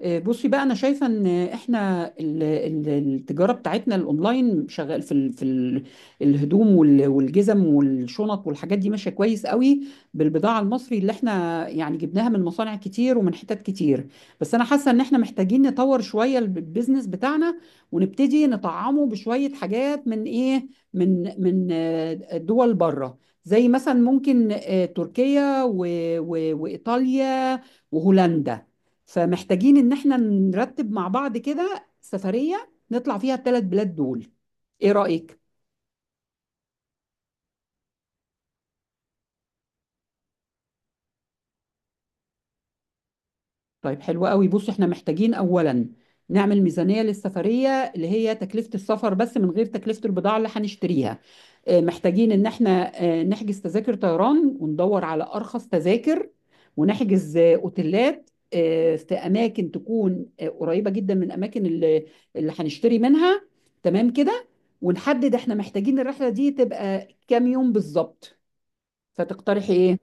بصي بقى انا شايفه ان احنا التجاره بتاعتنا الاونلاين شغال في ال في ال الهدوم والجزم والشنط والحاجات دي ماشيه كويس قوي بالبضاعه المصري اللي احنا يعني جبناها من مصانع كتير ومن حتت كتير. بس انا حاسه ان احنا محتاجين نطور شويه البيزنس بتاعنا ونبتدي نطعمه بشويه حاجات من ايه، من دول بره، زي مثلا ممكن تركيا وايطاليا وهولندا. فمحتاجين ان احنا نرتب مع بعض كده سفرية نطلع فيها الثلاث بلاد دول. ايه رأيك؟ طيب، حلو قوي. بص، احنا محتاجين اولا نعمل ميزانية للسفرية، اللي هي تكلفة السفر بس من غير تكلفة البضاعة اللي هنشتريها. محتاجين ان احنا نحجز تذاكر طيران وندور على ارخص تذاكر، ونحجز اوتيلات في اماكن تكون قريبة جدا من اماكن اللي هنشتري منها. تمام كده؟ ونحدد احنا محتاجين الرحلة دي تبقى كام يوم بالظبط. فتقترحي ايه؟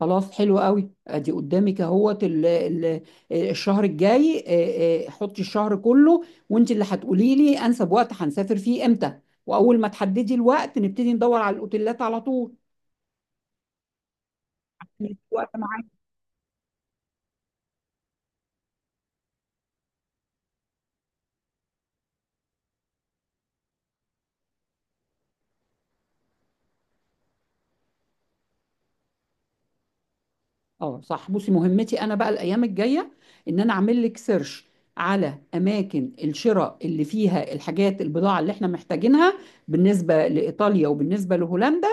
خلاص، حلو قوي. ادي قدامك اهوت الشهر الجاي. حطي الشهر كله، وانت اللي هتقولي لي انسب وقت هنسافر فيه امتى، واول ما تحددي الوقت نبتدي ندور على الاوتيلات على طول. وقت معانا. اه صح. بصي، مهمتي انا بقى الايام الجايه ان انا اعمل لك سيرش على اماكن الشراء اللي فيها الحاجات، البضاعه اللي احنا محتاجينها بالنسبه لايطاليا وبالنسبه لهولندا،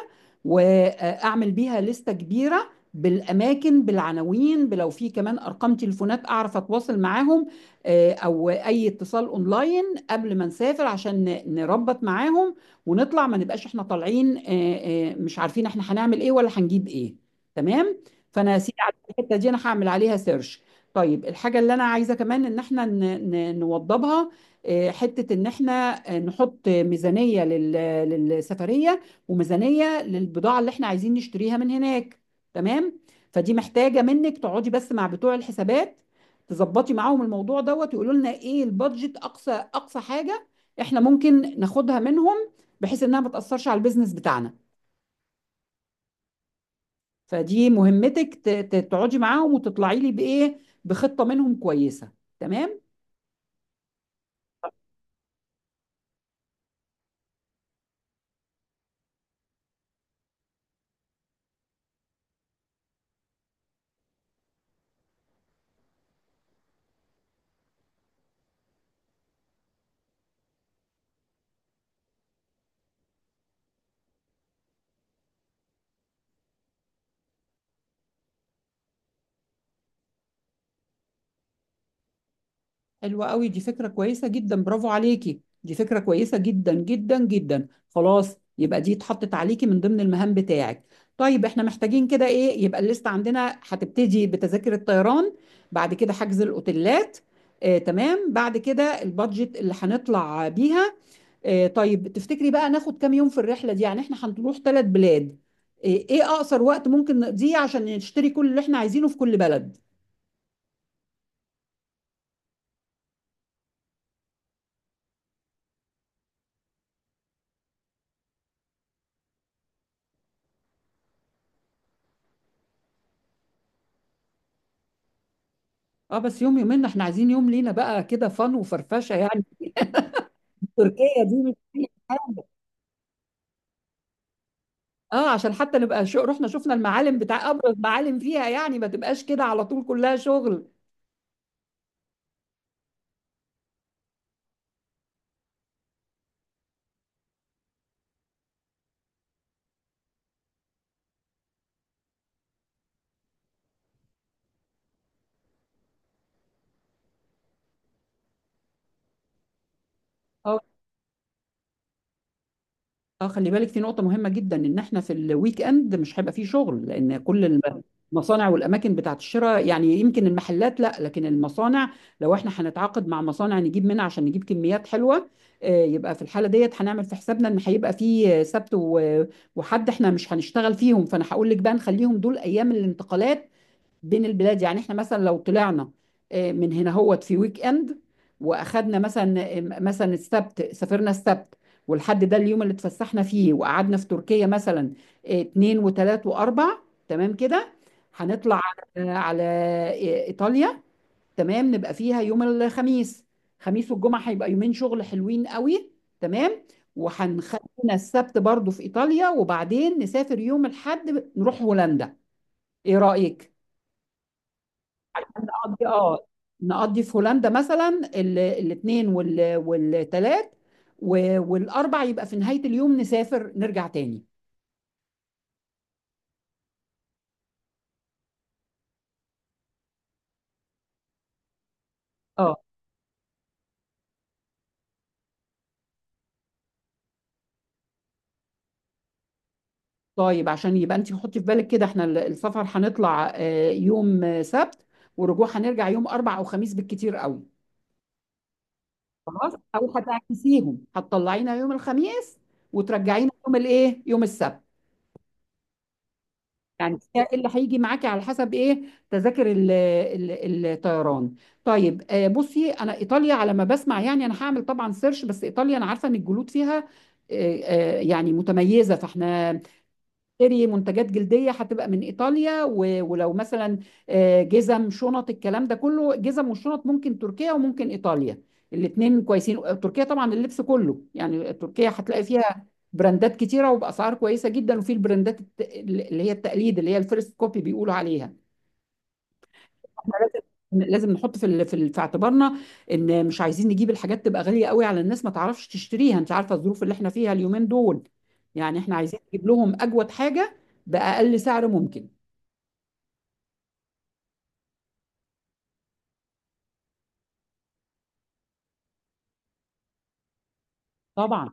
واعمل بيها لستة كبيره بالاماكن، بالعناوين، بلو في كمان ارقام تليفونات اعرف اتواصل معاهم، او اي اتصال اونلاين قبل ما نسافر عشان نربط معاهم ونطلع، ما نبقاش احنا طالعين مش عارفين احنا هنعمل ايه ولا هنجيب ايه. تمام؟ فانا يا سيدي الحته دي انا هعمل عليها سيرش. طيب، الحاجه اللي انا عايزه كمان ان احنا نوضبها، حته ان احنا نحط ميزانيه للسفريه وميزانيه للبضاعه اللي احنا عايزين نشتريها من هناك. تمام؟ فدي محتاجه منك تقعدي بس مع بتوع الحسابات، تظبطي معاهم الموضوع دوت، ويقولوا لنا ايه البادجت، اقصى اقصى حاجه احنا ممكن ناخدها منهم، بحيث انها ما تاثرش على البيزنس بتاعنا. فدي مهمتك، تقعدي معاهم وتطلعي لي بايه، بخطه منهم كويسه. تمام؟ حلوه قوي دي، فكره كويسه جدا. برافو عليكي، دي فكره كويسه جدا جدا جدا. خلاص، يبقى دي اتحطت عليكي من ضمن المهام بتاعك. طيب، احنا محتاجين كده ايه، يبقى الليست عندنا هتبتدي بتذاكر الطيران، بعد كده حجز الاوتيلات، آه تمام، بعد كده البادجت اللي هنطلع بيها. طيب، تفتكري بقى ناخد كام يوم في الرحلة دي؟ يعني احنا هنروح ثلاث بلاد، ايه اقصر وقت ممكن نقضيه عشان نشتري كل اللي احنا عايزينه في كل بلد؟ اه، بس يوم يومين، احنا عايزين يوم لينا بقى كده فن وفرفشة يعني، تركيا دي مش أي حاجة. اه عشان حتى نبقى شو رحنا شفنا المعالم بتاع ابرز معالم فيها، يعني ما تبقاش كده على طول كلها شغل. اه، اه، خلي بالك في نقطة مهمة جدا، ان احنا في الويك اند مش هيبقى فيه شغل، لان كل المصانع والاماكن بتاعت الشراء، يعني يمكن المحلات لا، لكن المصانع، لو احنا هنتعاقد مع مصانع نجيب منها عشان نجيب كميات حلوة، يبقى في الحالة ديت هنعمل في حسابنا ان هيبقى فيه سبت وحد احنا مش هنشتغل فيهم. فانا هقول لك بقى نخليهم دول ايام الانتقالات بين البلاد. يعني احنا مثلا لو طلعنا من هنا هوت في ويك اند، واخدنا مثلا السبت، سافرنا السبت، والحد ده اليوم اللي اتفسحنا فيه وقعدنا في تركيا مثلا، اتنين وتلات واربع. تمام كده؟ هنطلع على ايطاليا. تمام، نبقى فيها يوم الخميس. خميس والجمعة هيبقى يومين شغل حلوين قوي. تمام؟ وهنخلينا السبت برضو في ايطاليا، وبعدين نسافر يوم الحد نروح هولندا. ايه رأيك؟ نقضي اه نقضي في هولندا مثلا الاثنين والثلاث والاربع، يبقى في نهاية اليوم نسافر نرجع تاني. اه. طيب، عشان يبقى انت حطي في بالك كده، احنا السفر هنطلع يوم سبت، ورجوع هنرجع يوم اربع او خميس بالكتير قوي. خلاص، او هتعكسيهم، هتطلعينا يوم الخميس وترجعينا يوم يوم السبت. يعني هي اللي هيجي معاكي على حسب ايه، تذاكر الطيران. طيب، بصي، انا ايطاليا على ما بسمع، يعني انا هعمل طبعا سيرش، بس ايطاليا انا عارفه ان الجلود فيها آه، يعني متميزه. فاحنا تشتري منتجات جلديه هتبقى من ايطاليا، ولو مثلا جزم، شنط، الكلام ده كله، جزم والشنط ممكن تركيا وممكن ايطاليا، الاثنين كويسين. تركيا طبعا اللبس كله، يعني تركيا هتلاقي فيها براندات كتيره وباسعار كويسه جدا، وفي البراندات اللي هي التقليد، اللي هي الفيرست كوبي بيقولوا عليها. لازم، لازم نحط في اعتبارنا ان مش عايزين نجيب الحاجات تبقى غاليه قوي على الناس ما تعرفش تشتريها، انت عارفه الظروف اللي احنا فيها اليومين دول. يعني احنا عايزين نجيب لهم اجود حاجه باقل سعر ممكن. طبعا.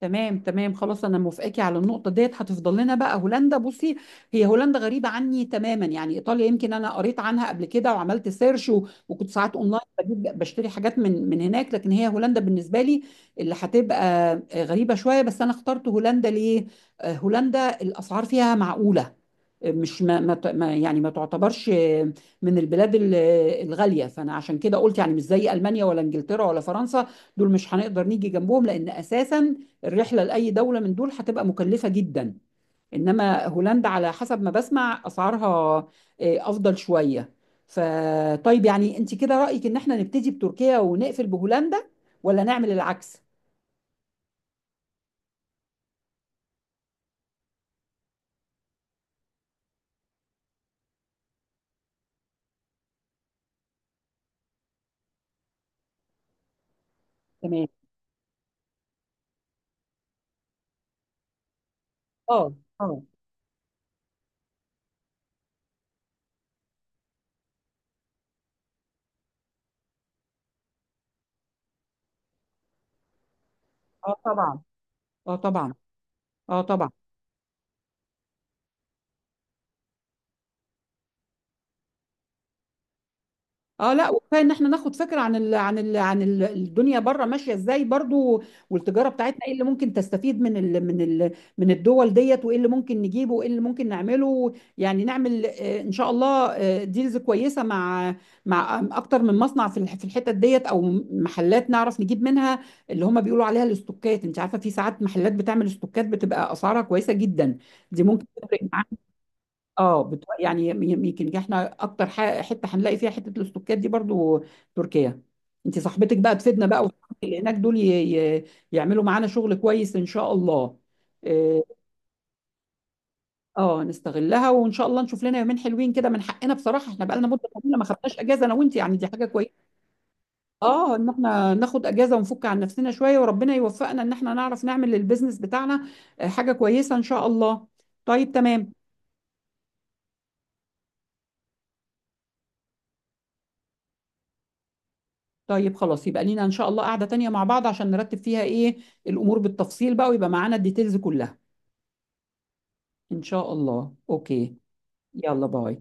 تمام، تمام، خلاص، انا موافقاكي على النقطه ديت. هتفضل لنا بقى هولندا. بصي، هي هولندا غريبه عني تماما، يعني ايطاليا يمكن انا قريت عنها قبل كده وعملت سيرش، وكنت ساعات اونلاين بجيب، بشتري حاجات من هناك، لكن هي هولندا بالنسبه لي اللي هتبقى غريبه شويه. بس انا اخترت هولندا ليه؟ هولندا الاسعار فيها معقوله، آه، مش ما ما ت- ما- يعني ما تعتبرش من البلاد الغاليه. فانا عشان كده قلت، يعني مش زي المانيا ولا انجلترا ولا فرنسا، دول مش هنقدر نيجي جنبهم، لان اساسا الرحلة لأي دولة من دول هتبقى مكلفة جدا. إنما هولندا على حسب ما بسمع أسعارها أفضل شوية. فطيب، يعني أنت كده رأيك إن إحنا نبتدي بتركيا ونقفل بهولندا، ولا نعمل العكس؟ تمام. اه، اه، اه، طبعا. اه، طبعا. اه، طبعا. اه، لا، وكفايه ان احنا ناخد فكره عن ال عن ال عن ال الدنيا بره ماشيه ازاي برضو، والتجاره بتاعتنا ايه اللي ممكن تستفيد من الدول ديت، وايه اللي ممكن نجيبه وايه اللي ممكن نعمله. يعني نعمل ان شاء الله ديلز كويسه مع اكتر من مصنع في الحتت ديت، او محلات نعرف نجيب منها، اللي هم بيقولوا عليها الاستوكات. انت عارفه في ساعات محلات بتعمل استوكات بتبقى اسعارها كويسه جدا، دي ممكن تفرق. اه، يعني يمكن احنا اكتر حته هنلاقي فيها حته الاستوكات دي برضو، تركيا. انت صاحبتك بقى تفيدنا بقى، وصاحبتك اللي هناك دول ي... يعملوا معانا شغل كويس ان شاء الله. اه، نستغلها وان شاء الله نشوف لنا يومين حلوين كده، من حقنا بصراحه، احنا بقى لنا مده طويله ما خدناش اجازه انا وانت، يعني دي حاجه كويسه. اه، ان احنا ناخد اجازه ونفك عن نفسنا شويه، وربنا يوفقنا ان احنا نعرف نعمل للبيزنس بتاعنا حاجه كويسه ان شاء الله. طيب، تمام. طيب خلاص، يبقى لينا ان شاء الله قعدة تانية مع بعض عشان نرتب فيها ايه، الامور بالتفصيل بقى، ويبقى معانا الديتيلز كلها. ان شاء الله. اوكي. يلا، باي.